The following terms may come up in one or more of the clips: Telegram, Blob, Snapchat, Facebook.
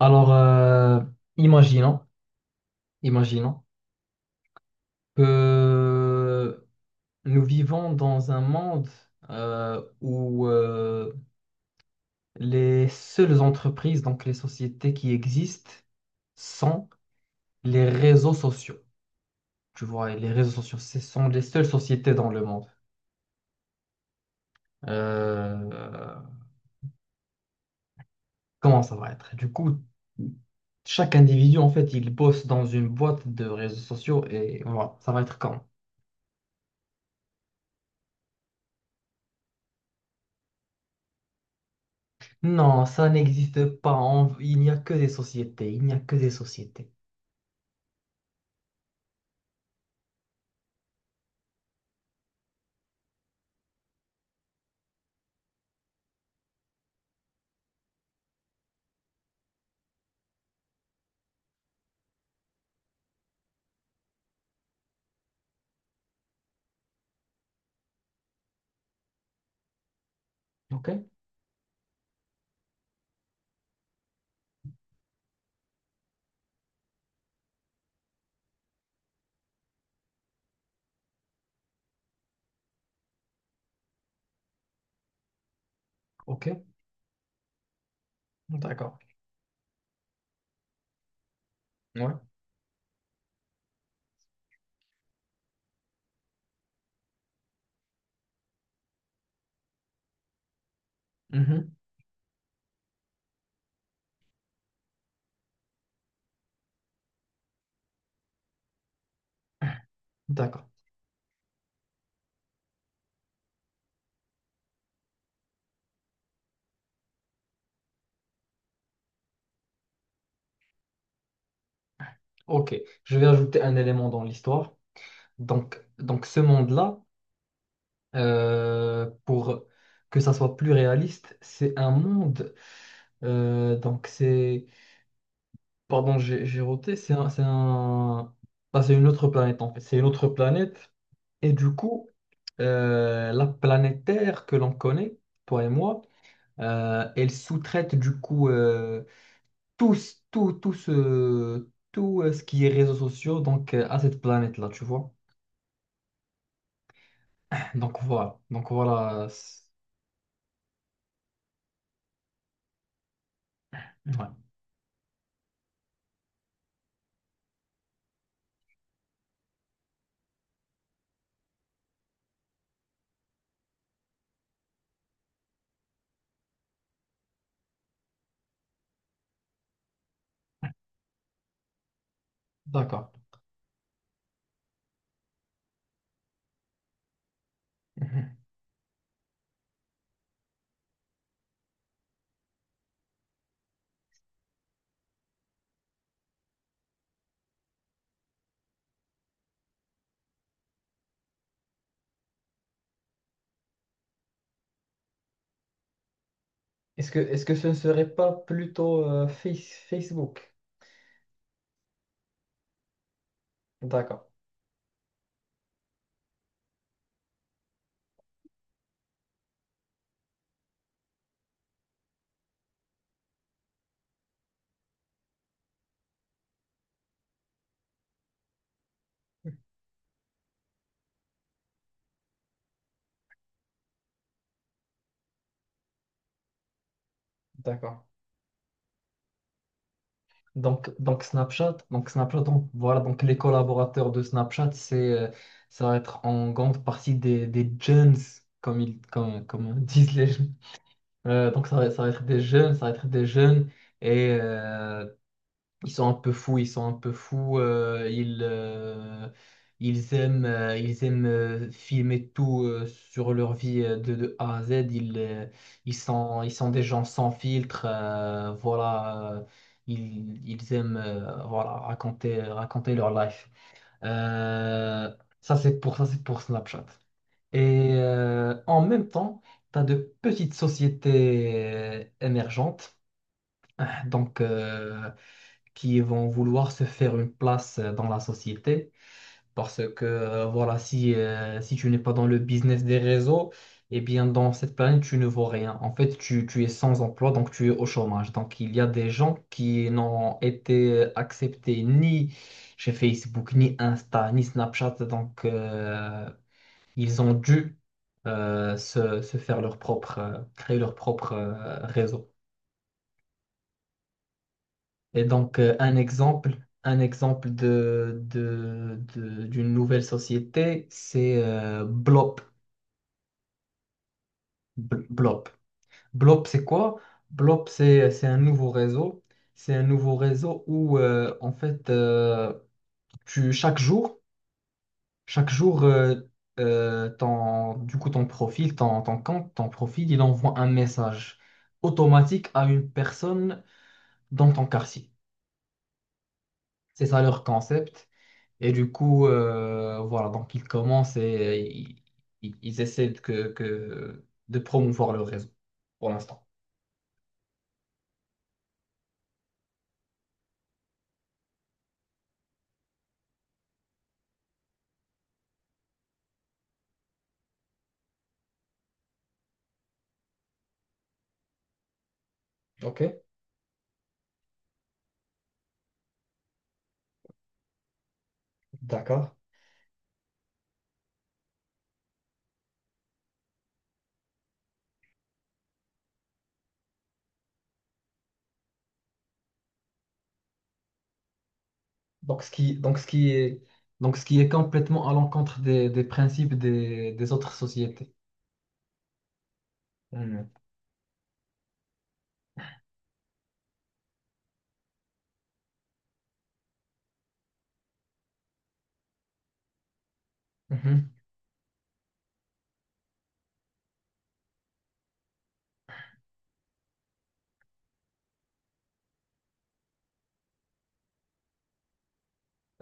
Alors, imaginons, imaginons que nous vivons dans un monde où les seules entreprises, donc les sociétés qui existent, sont les réseaux sociaux. Tu vois, et les réseaux sociaux, ce sont les seules sociétés dans le monde. Euh, Comment ça va être? Du coup, chaque individu, en fait, il bosse dans une boîte de réseaux sociaux et voilà, ça va être comment? Non, ça n'existe pas. Il n'y a que des sociétés. Il n'y a que des sociétés. OK? OK? D'accord. Ouais. Mhm. D'accord. OK. Je vais ajouter un élément dans l'histoire. Donc ce monde-là, pour que ça soit plus réaliste, c'est un monde. Donc, c'est. Pardon, j'ai roté. Bah, c'est une autre planète, en fait. C'est une autre planète. Et du coup, la planète Terre que l'on connaît, toi et moi, elle sous-traite du coup tout, tout ce qui est réseaux sociaux donc, à cette planète-là, tu vois. Donc voilà. Ouais. D'accord. Mhm. Est-ce que ce ne serait pas plutôt Facebook? D'accord, d'accord. Donc voilà, donc les collaborateurs de Snapchat, ça va être en grande partie des jeunes, comme disent les, ça va être des jeunes, ça va être des jeunes et ils sont un peu fous, ils sont un peu fous, ils aiment filmer tout sur leur vie de A à Z, ils sont des gens sans filtre, voilà, ils aiment voilà, raconter, raconter leur life. Euh, Ça c'est pour ça, c'est pour Snapchat. Et en même temps, tu as de petites sociétés émergentes donc, qui vont vouloir se faire une place dans la société. Parce que si tu n'es pas dans le business des réseaux, eh bien dans cette planète, tu ne vaux rien. En fait, tu es sans emploi, donc tu es au chômage. Donc il y a des gens qui n'ont été acceptés ni chez Facebook, ni Insta, ni Snapchat. Donc ils ont dû se faire leur propre, créer leur propre réseau. Et donc, un exemple de, d'une nouvelle société, c'est Blob. Blob, Blob, c'est quoi? Blob, c'est un nouveau réseau. C'est un nouveau réseau où, en fait, tu, chaque jour, chaque jour, ton compte, ton profil, il envoie un message automatique à une personne dans ton quartier. C'est ça leur concept. Et du coup, voilà, donc ils commencent et ils essaient de promouvoir le réseau pour l'instant. OK, d'accord. Donc ce qui, donc ce qui est, donc ce qui est complètement à l'encontre des principes des autres sociétés. Mhm. Mhm.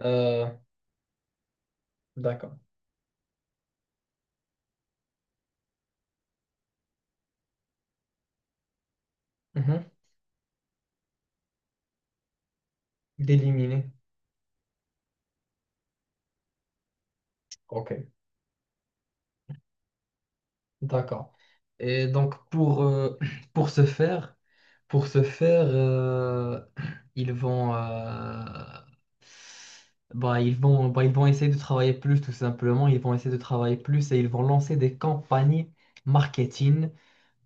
Euh, d'accord. Mhm. D'éliminer. Ok, d'accord. Et donc pour, pour ce faire, pour ce faire, ils vont, bah, ils vont, bah, ils vont essayer de travailler plus, tout simplement. Ils vont essayer de travailler plus et ils vont lancer des campagnes marketing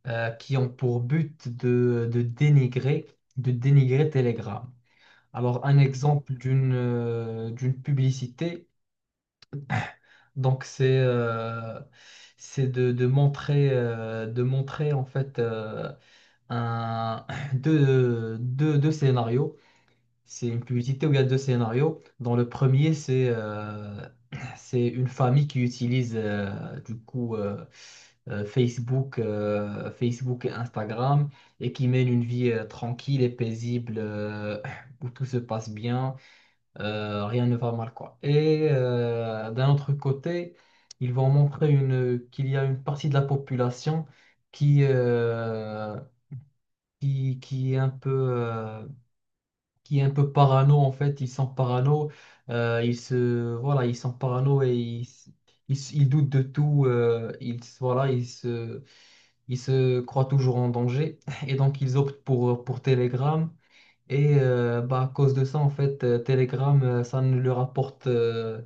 qui ont pour but de dénigrer Telegram. Alors un exemple d'une publicité. Donc c'est de montrer en fait un deux scénarios. C'est une publicité où il y a deux scénarios. Dans le premier, c'est c'est une famille qui utilise Facebook et Instagram et qui mène une vie tranquille et paisible où tout se passe bien rien ne va mal, quoi. Et d'un autre côté, ils vont montrer qu'il y a une partie de la population qui, euh, qui est un peu, qui est un peu parano, en fait. Ils sont parano, voilà, ils sont parano ils doutent de tout. Ils, s- voilà, ils se, Ils se croient toujours en danger. Et donc, ils optent pour Telegram. Et bah, à cause de ça, en fait, Telegram, ça ne leur apporte... euh,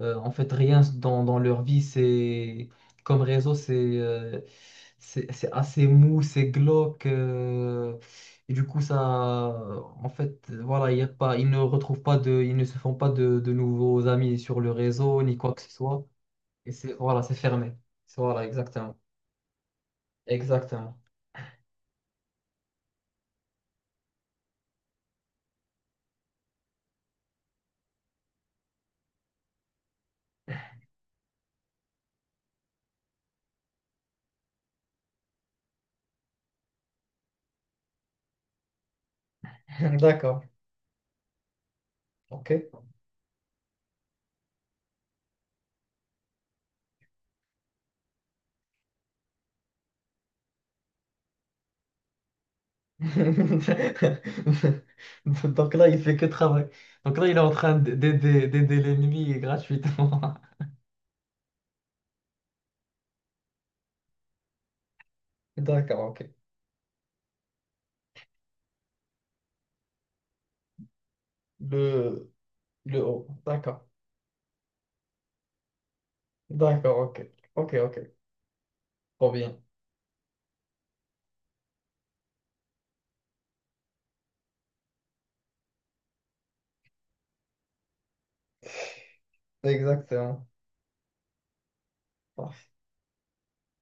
euh, en fait, rien dans, dans leur vie, c'est comme réseau, euh, c'est assez mou, c'est glauque. Et du coup, ça, en fait, voilà, il y a pas, ils ne retrouvent pas de, ils ne se font pas de, de nouveaux amis sur le réseau, ni quoi que ce soit. Et c'est, voilà, c'est fermé. Voilà, exactement. Exactement. D'accord. OK. Donc là, il fait que travailler. Donc là, il est en train d'aider l'ennemi gratuitement. D'accord, ok. Le, le haut. D'accord. D'accord, ok. Ok, ok. Trop bien. Exactement. Parfait.